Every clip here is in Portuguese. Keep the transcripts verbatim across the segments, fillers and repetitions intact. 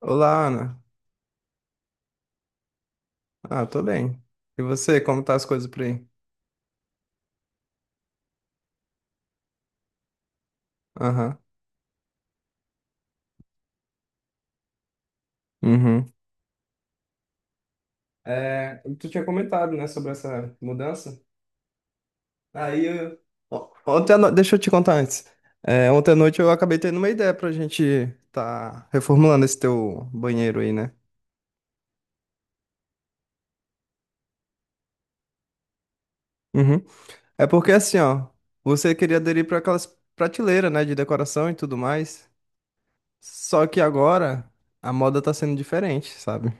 Olá, Ana. Ah, tô bem. E você, como tá as coisas por aí? Aham. Uhum. É, tu tinha comentado, né, sobre essa mudança. Aí, eu- O- ontem à no... deixa eu te contar antes. É, ontem à noite eu acabei tendo uma ideia pra gente tá reformulando esse teu banheiro aí, né? Uhum. É porque assim, ó, você queria aderir para aquelas prateleiras, né, de decoração e tudo mais. Só que agora a moda tá sendo diferente, sabe?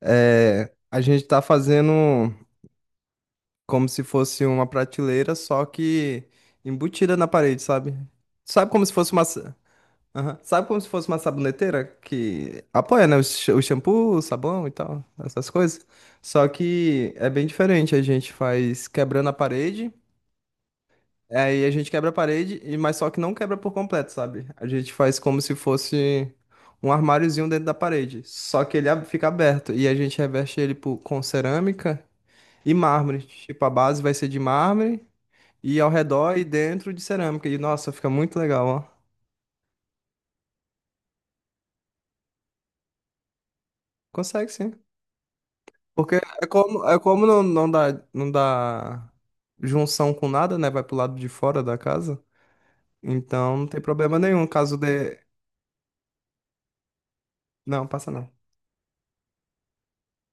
É, a gente tá fazendo, como se fosse uma prateleira, só que embutida na parede, sabe? Sabe como se fosse uma. sa- Aham. Sabe como se fosse uma saboneteira que apoia, né? O sh- o shampoo, o sabão e tal, essas coisas. Só que é bem diferente. A gente faz quebrando a parede, aí a gente quebra a parede, e- mas só que não quebra por completo, sabe? A gente faz como se fosse um armáriozinho dentro da parede. Só que ele ab- fica aberto. E a gente reveste ele por- com cerâmica e mármore. Tipo, a base vai ser de mármore. E ao redor e dentro de cerâmica. E nossa, fica muito legal, ó. Consegue sim. Porque é como, é como não, não dá, não dá junção com nada, né? Vai pro lado de fora da casa. Então não tem problema nenhum caso de. Não, passa não.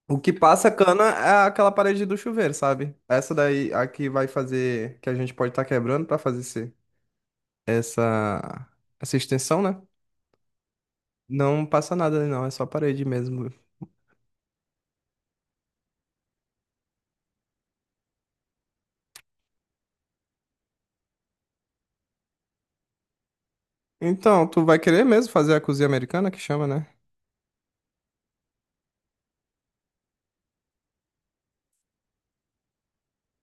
O que passa cana é aquela parede do chuveiro, sabe? Essa daí, a que vai fazer, que a gente pode estar quebrando pra fazer esse, essa, essa extensão, né? Não passa nada, não, é só parede mesmo. Então, tu vai querer mesmo fazer a cozinha americana que chama, né?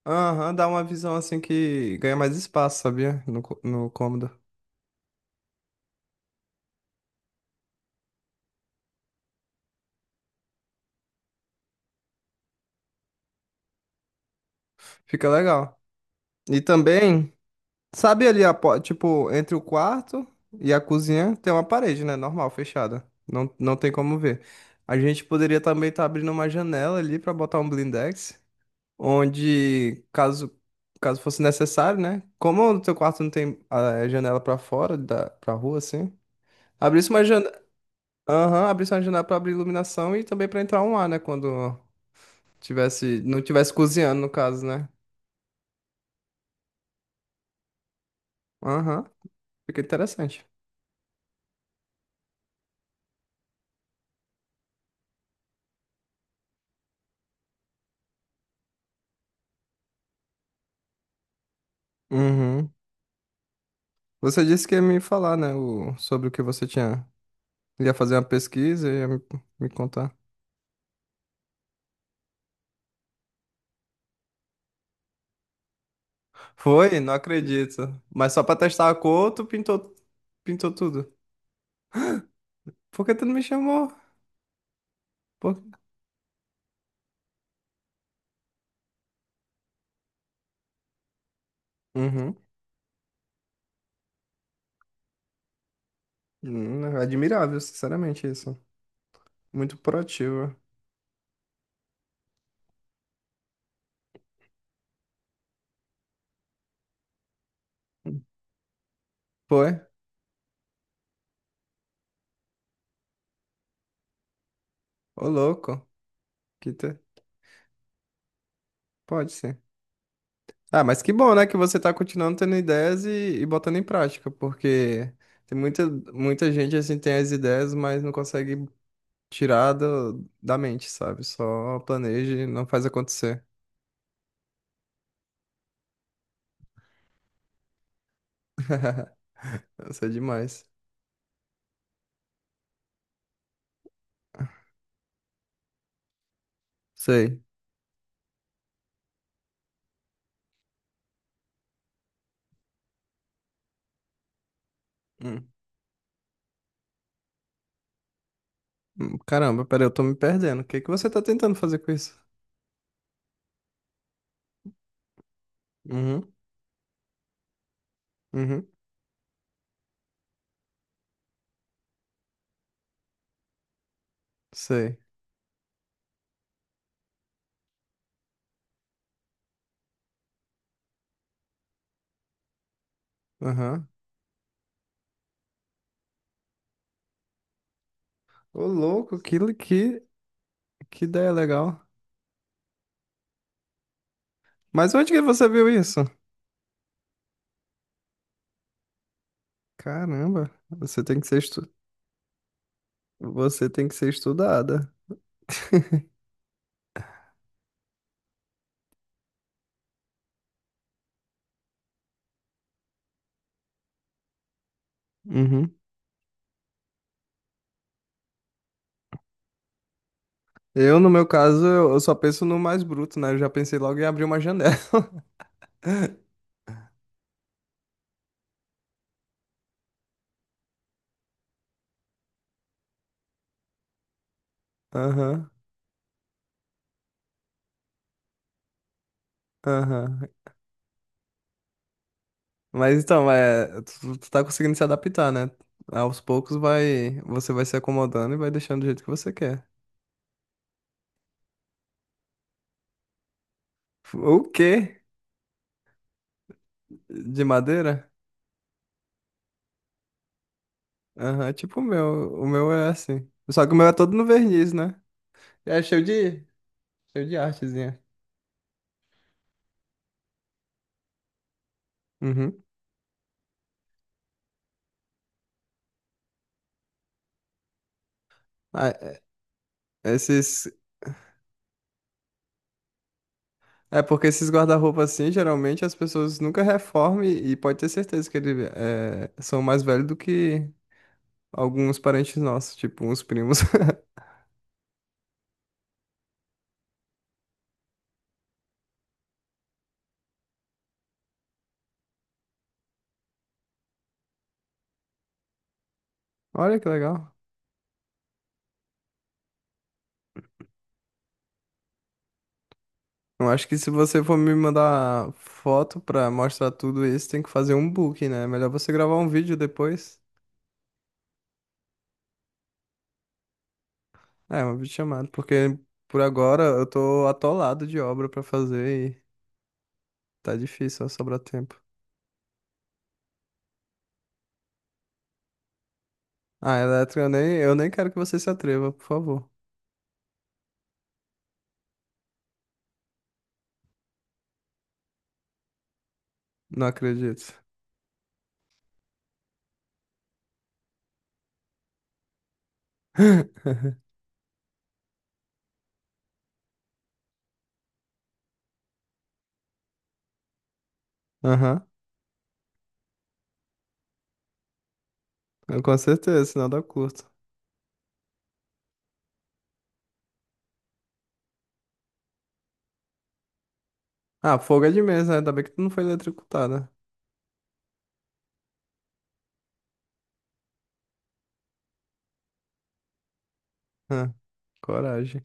Aham, dá uma visão assim que ganha mais espaço, sabia? No, cô- no cômodo. Fica legal. E também, sabe ali, a, po- tipo, entre o quarto e a cozinha tem uma parede, né? Normal, fechada. Não, não tem como ver. A gente poderia também estar abrindo uma janela ali pra botar um blindex, onde, caso, caso fosse necessário, né? Como no teu quarto não tem a janela pra fora, da, pra rua, assim, abrisse uma janela. Aham, abrisse uma janela pra abrir iluminação e também pra entrar um ar, né? Quando, tivesse, não tivesse cozinhando, no caso, né? Aham, fica interessante. Uhum. Você disse que ia me falar, né, o, sobre o que você tinha. Ia fazer uma pesquisa e ia me, me contar. Foi? Não acredito. Mas só pra testar a cor, tu pintou, pintou tudo. Por que tu não me chamou? Por... Uhum. Hum, Admirável, sinceramente, isso. Muito proativo. Foi? Ô, louco. Que te... Pode ser. Ah, mas que bom, né, que você tá continuando tendo ideias e, e botando em prática, porque tem muita, muita gente assim tem as ideias, mas não consegue tirar do- da mente, sabe? Só planeja e não faz acontecer. Isso é demais. Sei. Hum. Hum, Caramba, peraí, eu tô me perdendo. O que que você tá tentando fazer com isso? Uhum, uhum, sei. Aham. Ô, louco, que, li- que, que ideia legal. Mas onde que você viu isso? Caramba, você tem que ser estu... você tem que ser estudada. Uhum. Eu, no meu caso, eu eu só penso no mais bruto, né? Eu já pensei logo em abrir uma janela. Aham, aham. Mas então, é, tu, tu tá conseguindo se adaptar, né? Aos poucos vai, você vai se acomodando e vai deixando do jeito que você quer. O quê? De madeira? Aham, é tipo o meu. O meu é assim. Só que o meu é todo no verniz, né? É cheio de, cheio de artezinha. Uhum. Ah, esses, É porque esses guarda-roupas assim, geralmente as pessoas nunca reformam e, e pode ter certeza que eles são mais velhos do que alguns parentes nossos, tipo uns primos. Olha que legal. Eu acho que se você for me mandar foto pra mostrar tudo isso, tem que fazer um book, né? é melhor você gravar um vídeo depois. É, uma videochamada, porque por agora eu tô atolado de obra pra fazer e tá difícil, ó, sobrar tempo. Ah, Electra, eu nem, eu nem quero que você se atreva, por favor. Não acredito. Aham. Eu, Com certeza, sinal dá curta. Ah, fogo é de mesa, né? Ainda bem que tu não foi eletrocutada. Ah, coragem.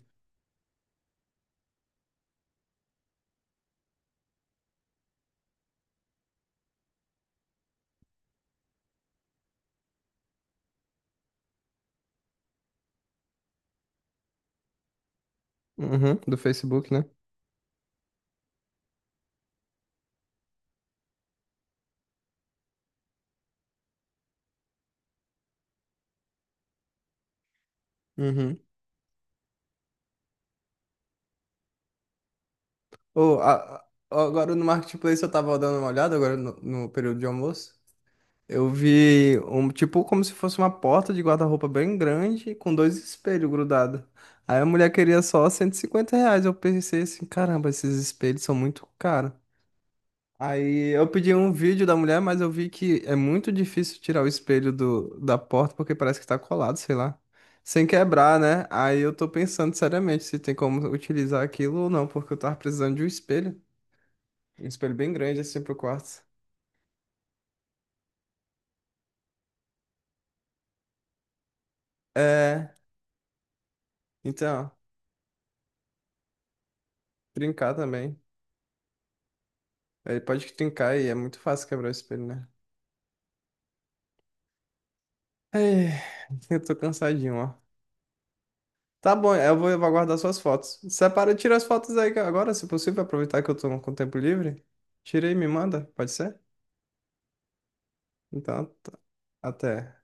Uhum, do Facebook, né? Uhum. Ô, a- a- agora no Marketplace eu tava dando uma olhada, agora no, no período de almoço. Eu vi um tipo como se fosse uma porta de guarda-roupa bem grande com dois espelhos grudados. Aí a mulher queria só cento e cinquenta reais. Eu pensei assim, caramba, esses espelhos são muito caros. Aí eu pedi um vídeo da mulher, mas eu vi que é muito difícil tirar o espelho do, da porta porque parece que tá colado, sei lá. Sem quebrar, né? Aí eu tô pensando seriamente se tem como utilizar aquilo ou não, porque eu tava precisando de um espelho. Um espelho bem grande assim pro quarto. É, então, trincar também. Aí pode trincar e é muito fácil quebrar o espelho, né? Ai, eu tô cansadinho, ó. Tá bom, eu vou, eu vou aguardar suas fotos. Separa, tira as fotos aí agora, se possível, aproveitar que eu tô com tempo livre. Tira e me manda, pode ser? Então, t- até.